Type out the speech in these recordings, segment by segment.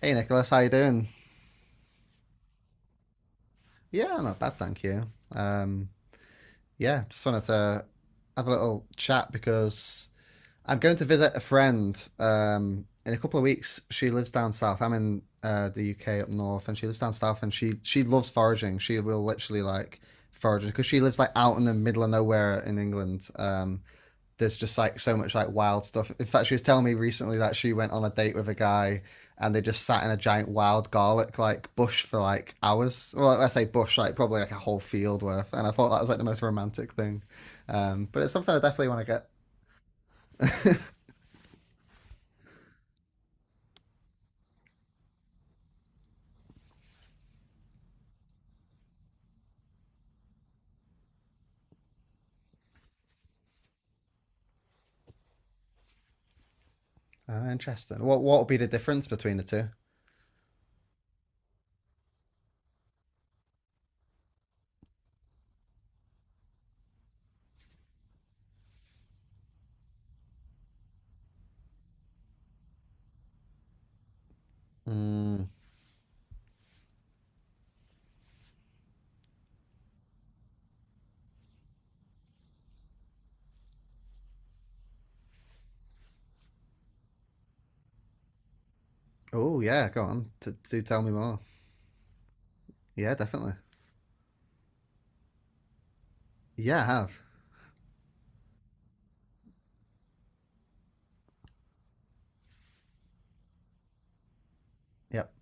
Hey Nicholas, how you doing? Yeah, not bad, thank you. Yeah, just wanted to have a little chat because I'm going to visit a friend in a couple of weeks. She lives down south. I'm in the UK up north, and she lives down south, and she loves foraging. She will literally like foraging because she lives like out in the middle of nowhere in England. There's just like so much like wild stuff. In fact, she was telling me recently that she went on a date with a guy and they just sat in a giant wild garlic like bush for like hours. Well, I say bush, like probably like a whole field worth. And I thought that was like the most romantic thing. But it's something I definitely want to get. Interesting. What would be the difference between the two? Mm. Oh yeah, go on. Do tell me more. Yeah, definitely. Yeah, I have. Yep.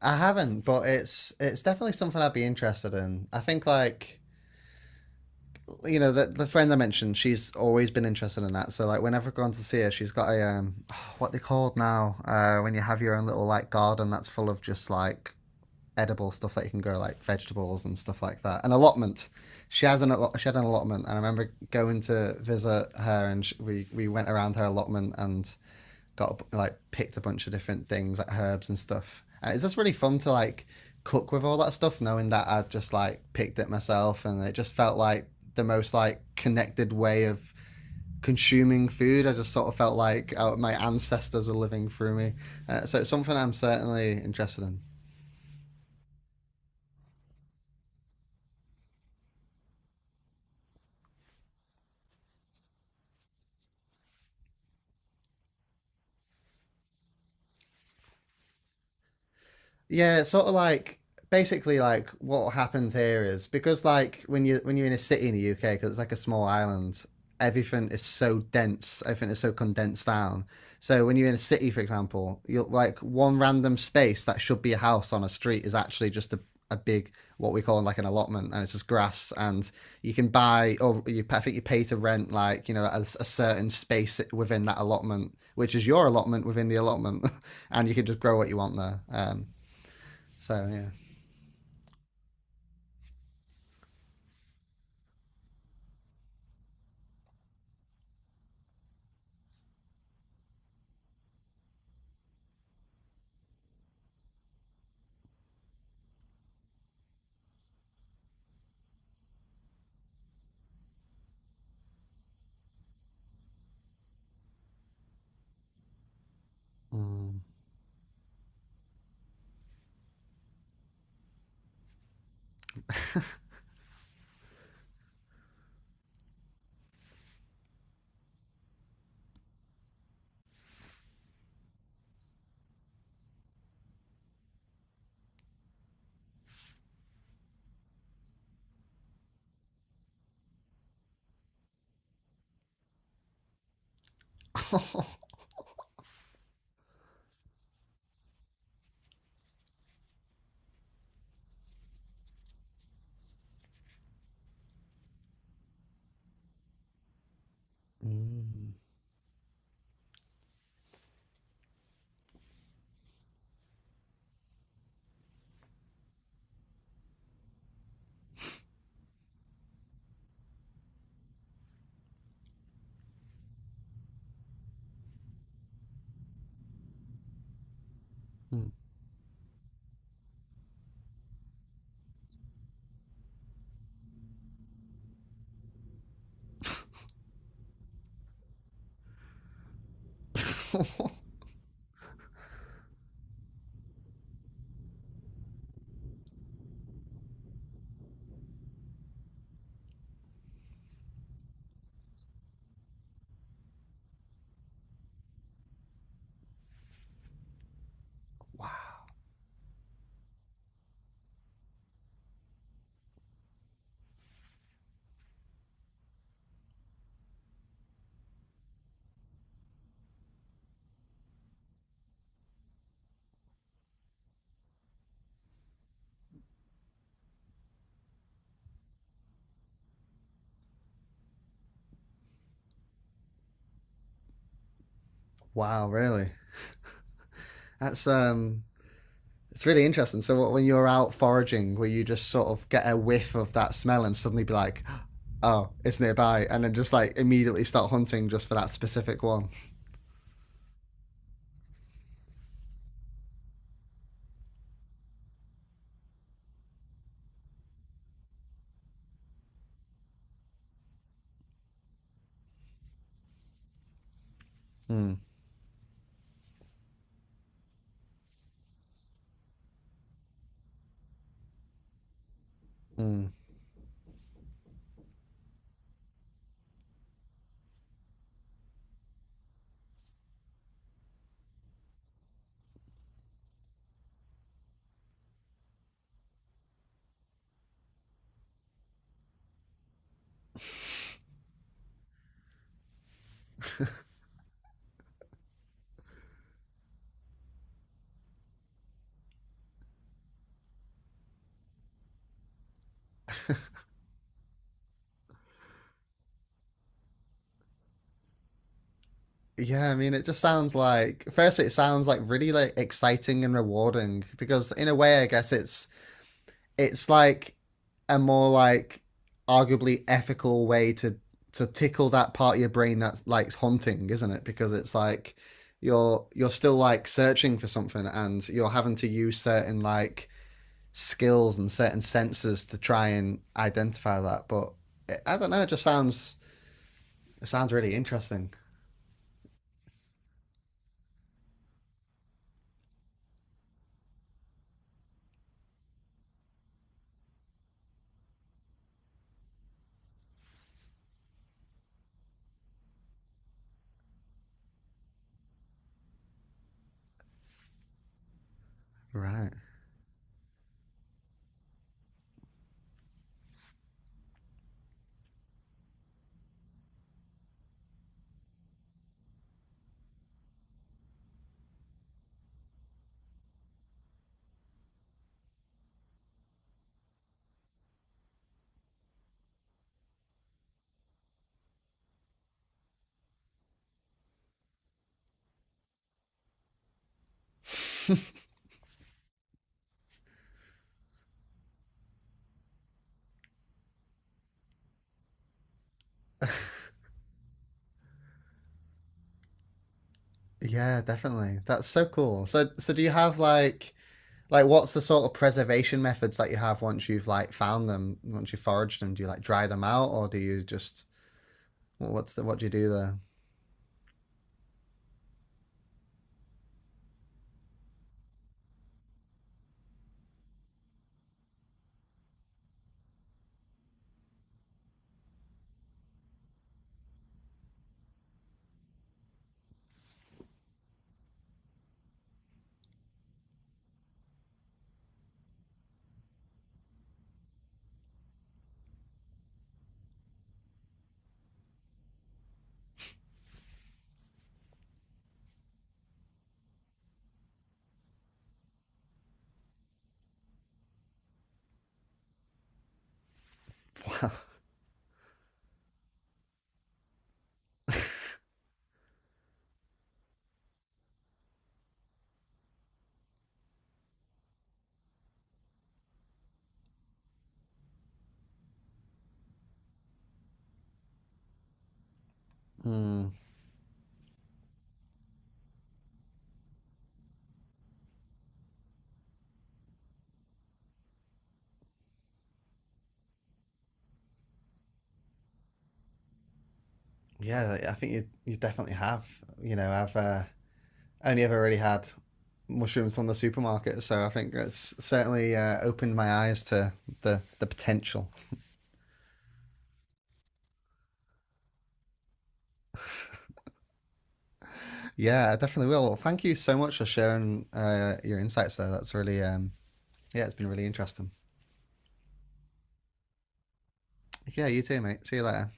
I haven't, but it's definitely something I'd be interested in. I think like you know, the friend I mentioned, she's always been interested in that. So like, whenever I've gone to see her, she's got a oh, what they called now when you have your own little like garden that's full of just like edible stuff that you can grow, like vegetables and stuff like that. An allotment. She has an she had an allotment, and I remember going to visit her, and sh we went around her allotment and got like picked a bunch of different things like herbs and stuff. And it's just really fun to like cook with all that stuff, knowing that I've just like picked it myself, and it just felt like the most like connected way of consuming food. I just sort of felt like my ancestors were living through me. So it's something I'm certainly interested in. Yeah, it's sort of like basically like what happens here is because like when you're in a city in the UK because it's like a small island, everything is so dense, everything is so condensed down. So when you're in a city, for example, you'll like one random space that should be a house on a street is actually just a big what we call like an allotment and it's just grass and you can buy or you I think you pay to rent like you know a certain space within that allotment which is your allotment within the allotment and you can just grow what you want there so yeah. Mm. Mm. Mm. Wow. Wow, really? That's it's really interesting. So what, when you're out foraging, where you just sort of get a whiff of that smell and suddenly be like, "Oh, it's nearby," and then just like immediately start hunting just for that specific one. Mm. Mm. Yeah, I mean, it just sounds like first, it sounds like really like exciting and rewarding because in a way, I guess it's like a more like arguably ethical way to tickle that part of your brain that's like haunting, isn't it? Because it's like you're still like searching for something and you're having to use certain like skills and certain senses to try and identify that. But it, I don't know, it just sounds it sounds really interesting. Right. Yeah, definitely. That's so cool. So so do you have like, what's the sort of preservation methods that you have once you've like found them, once you foraged them? Do you like dry them out, or do you just what's the what do you do there? Hmm. Yeah, I think you you definitely have. You know, I've only ever really had mushrooms from the supermarket, so I think that's certainly opened my eyes to the potential. Yeah, I definitely will. Well, thank you so much for sharing your insights there. That's really yeah, it's been really interesting. Yeah, you too, mate. See you later.